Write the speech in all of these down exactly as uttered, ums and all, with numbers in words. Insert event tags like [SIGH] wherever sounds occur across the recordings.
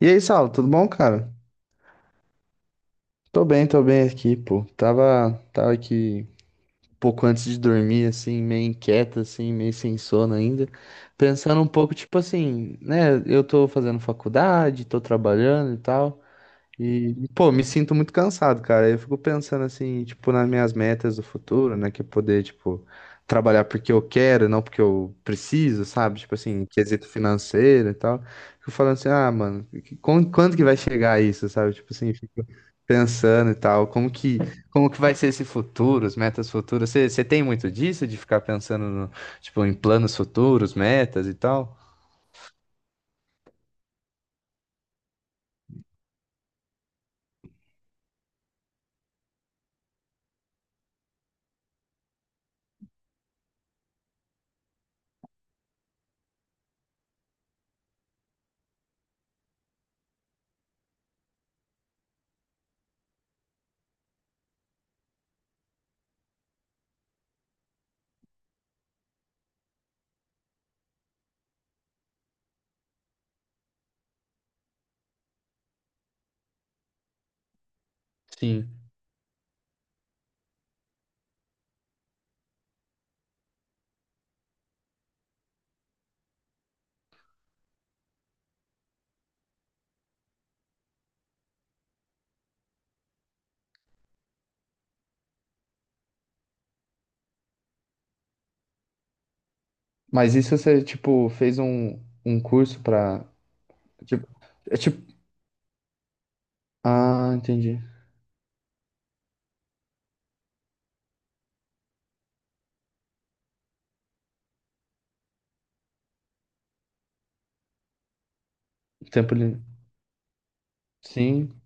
E aí, Saulo, tudo bom, cara? Tô bem, tô bem aqui, pô. Tava, tava aqui um pouco antes de dormir, assim, meio inquieto, assim, meio sem sono ainda. Pensando um pouco, tipo assim, né? Eu tô fazendo faculdade, tô trabalhando e tal. E, pô, me sinto muito cansado, cara. Eu fico pensando, assim, tipo, nas minhas metas do futuro, né? Que é poder, tipo, trabalhar porque eu quero, não porque eu preciso, sabe? Tipo assim, quesito financeiro e tal. Fico falando assim, ah, mano, que- quan- quando que vai chegar isso, sabe? Tipo assim, pensando e tal, como que, [LAUGHS] como que vai ser esse futuro, as metas futuras? Você, você tem muito disso, de ficar pensando no, tipo, em planos futuros, metas e tal? Sim. Mas isso você, tipo, fez um, um curso pra. Tipo, é tipo. Ah, entendi. Tempo livre. Sim.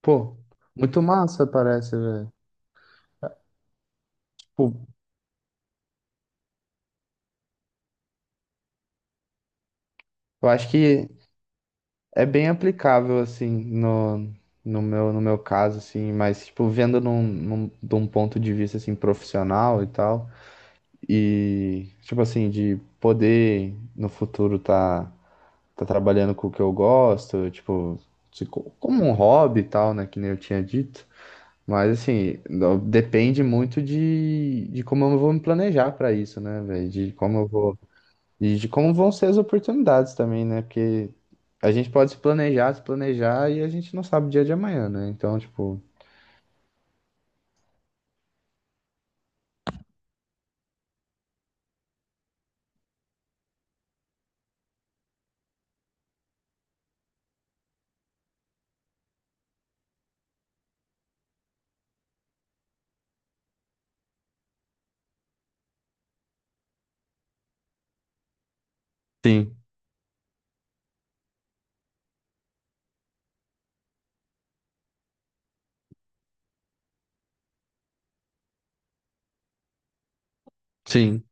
Pô, muito massa parece, velho. Tipo, eu acho que é bem aplicável, assim, no, no meu, no meu caso, assim, mas, tipo, vendo num, num, de um ponto de vista, assim, profissional e tal. E, tipo assim, de poder no futuro tá, tá trabalhando com o que eu gosto, tipo, se co- como um hobby e tal, né? Que nem eu tinha dito. Mas, assim, no- depende muito de, de como eu vou me planejar pra isso, né, velho? De como eu vou. E de como vão ser as oportunidades também, né? Porque a gente pode se planejar, se planejar e a gente não sabe o dia de amanhã, né? Então, tipo. Sim, sim.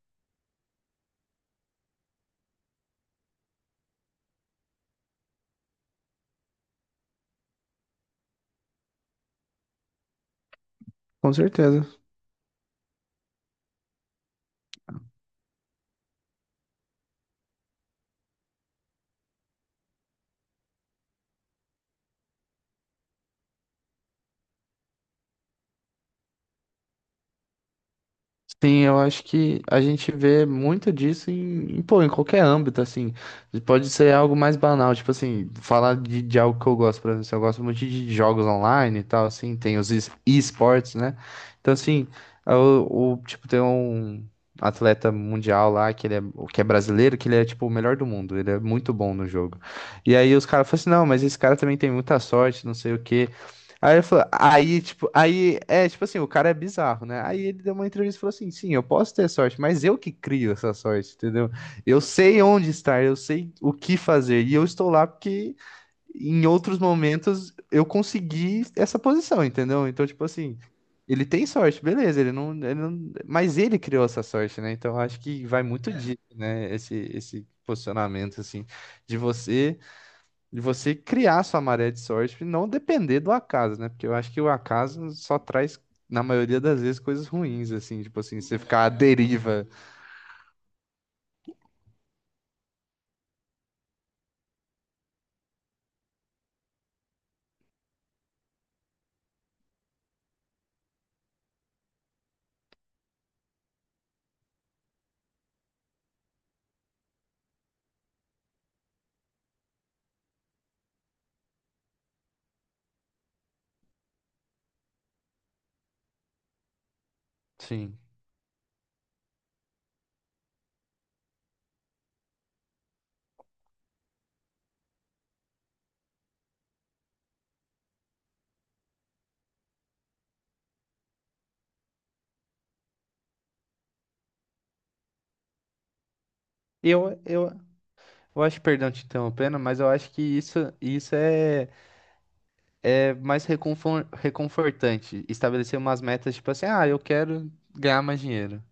Com certeza. Sim, eu acho que a gente vê muito disso em, em, pô, em qualquer âmbito, assim. Pode ser algo mais banal, tipo assim, falar de, de algo que eu gosto, por exemplo, eu gosto muito de jogos online e tal, assim, tem os es- e-sports, né? Então, assim, o, o- tipo, tem um atleta mundial lá, que ele é, o que é brasileiro, que ele é, tipo, o melhor do mundo, ele é muito bom no jogo. E aí os caras falam assim, não, mas esse cara também tem muita sorte, não sei o quê. Aí ele falou, aí, tipo, aí, é, tipo assim, o cara é bizarro, né? Aí ele deu uma entrevista e falou assim: sim, eu posso ter sorte, mas eu que crio essa sorte, entendeu? Eu sei onde estar, eu sei o que fazer, e eu estou lá porque em outros momentos eu consegui essa posição, entendeu? Então, tipo assim, ele tem sorte, beleza, ele não, ele não, mas ele criou essa sorte, né? Então, eu acho que vai muito É. disso, né? Esse, esse posicionamento, assim, de você de você criar sua maré de sorte e não depender do acaso, né? Porque eu acho que o acaso só traz, na maioria das vezes, coisas ruins, assim, tipo assim, você ficar à deriva. Sim. Eu, eu, eu acho, perdão te interrompendo, mas eu acho que isso, isso é, é mais reconfor- reconfortante. Estabelecer umas metas, tipo assim, ah, eu quero ganhar mais dinheiro.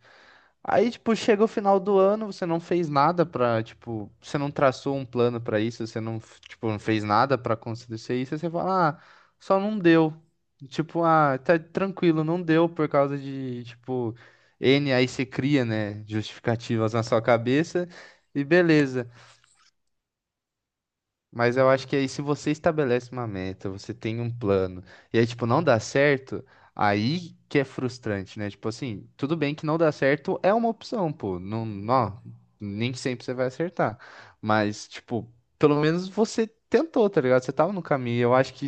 Aí, tipo, chega o final do ano, você não fez nada pra, tipo, você não traçou um plano pra isso, você não, f- tipo, não fez nada pra acontecer isso, aí você fala, ah, só não deu. Tipo, ah, tá tranquilo, não deu por causa de, tipo, N, aí você cria, né, justificativas na sua cabeça e beleza. Mas eu acho que aí se você estabelece uma meta, você tem um plano, e aí, tipo, não dá certo, aí que é frustrante, né? Tipo assim, tudo bem que não dá certo é uma opção, pô. Não, não, nem sempre você vai acertar. Mas, tipo, pelo menos você tentou, tá ligado? Você tava no caminho. Eu acho que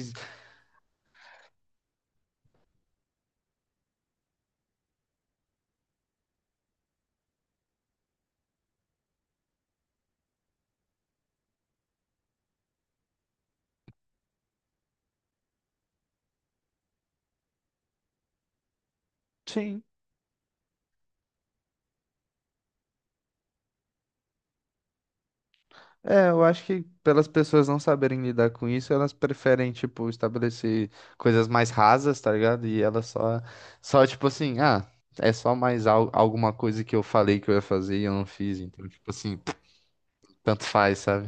sim, é, eu acho que pelas pessoas não saberem lidar com isso, elas preferem, tipo, estabelecer coisas mais rasas, tá ligado? E elas só, só tipo assim, ah, é só mais al alguma coisa que eu falei que eu ia fazer e eu não fiz, então, tipo assim, [LAUGHS] [TSK] tanto faz, sabe?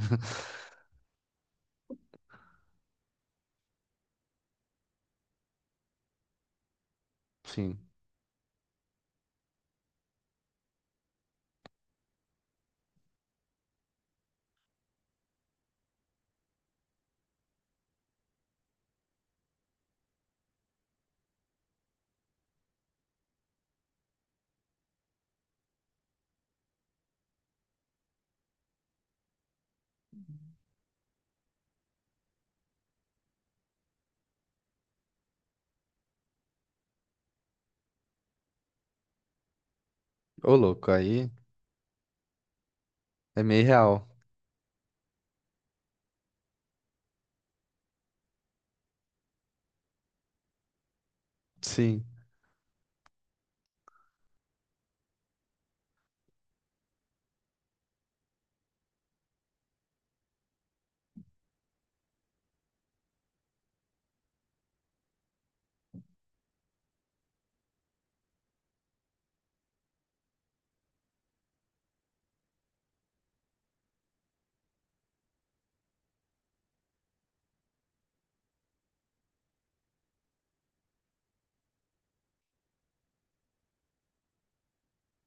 Sim. Ô, louco, aí é meio real. Sim,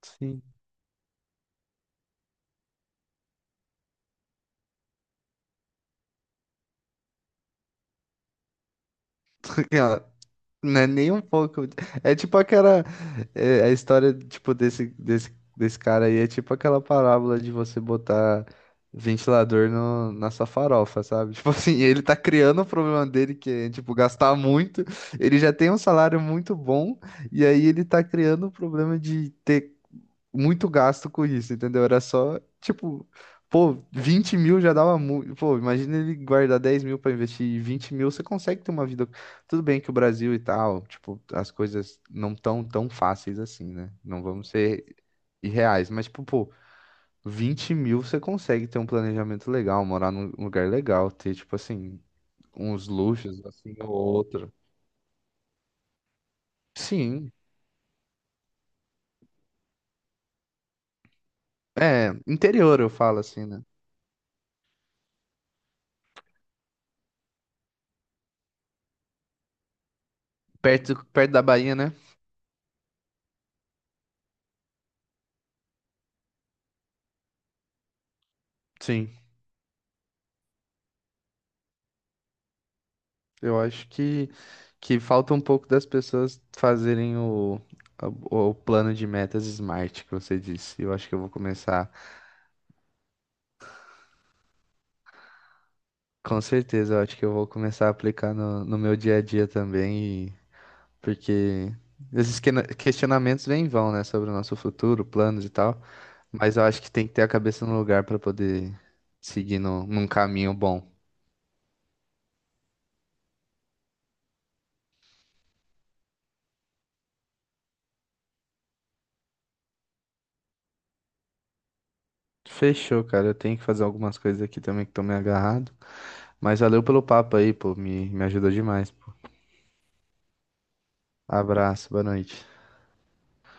sim. [LAUGHS] Não é nem um pouco. É tipo aquela. É, a história, tipo, desse, desse, desse cara aí é tipo aquela parábola de você botar ventilador no, na sua farofa, sabe? [LAUGHS] Tipo assim, ele tá criando o problema dele, que é, tipo, gastar muito. Ele já tem um salário muito bom, e aí ele tá criando o problema de ter muito gasto com isso, entendeu? Era só, tipo, pô, vinte mil já dava muito. Pô, imagina ele guardar dez mil pra investir e vinte mil, você consegue ter uma vida. Tudo bem que o Brasil e tal, tipo, as coisas não tão tão fáceis assim, né? Não vamos ser irreais, mas, tipo, pô, vinte mil você consegue ter um planejamento legal, morar num lugar legal, ter, tipo, assim, uns luxos, assim, ou outro. Sim, é, interior eu falo assim, né? Perto, perto da Bahia, né? Sim, eu acho que, que falta um pouco das pessoas fazerem o, o, o plano de metas smart que você disse. Eu acho que eu vou começar. Com certeza, eu acho que eu vou começar a aplicar no, no meu dia a dia também, e- porque esses quena- questionamentos vêm e vão, né, sobre o nosso futuro, planos e tal, mas eu acho que tem que ter a cabeça no lugar para poder seguir no, num caminho bom. Fechou, cara, eu tenho que fazer algumas coisas aqui também que estão me agarrado, mas valeu pelo papo aí, pô, me, me ajudou demais. Abraço, boa noite.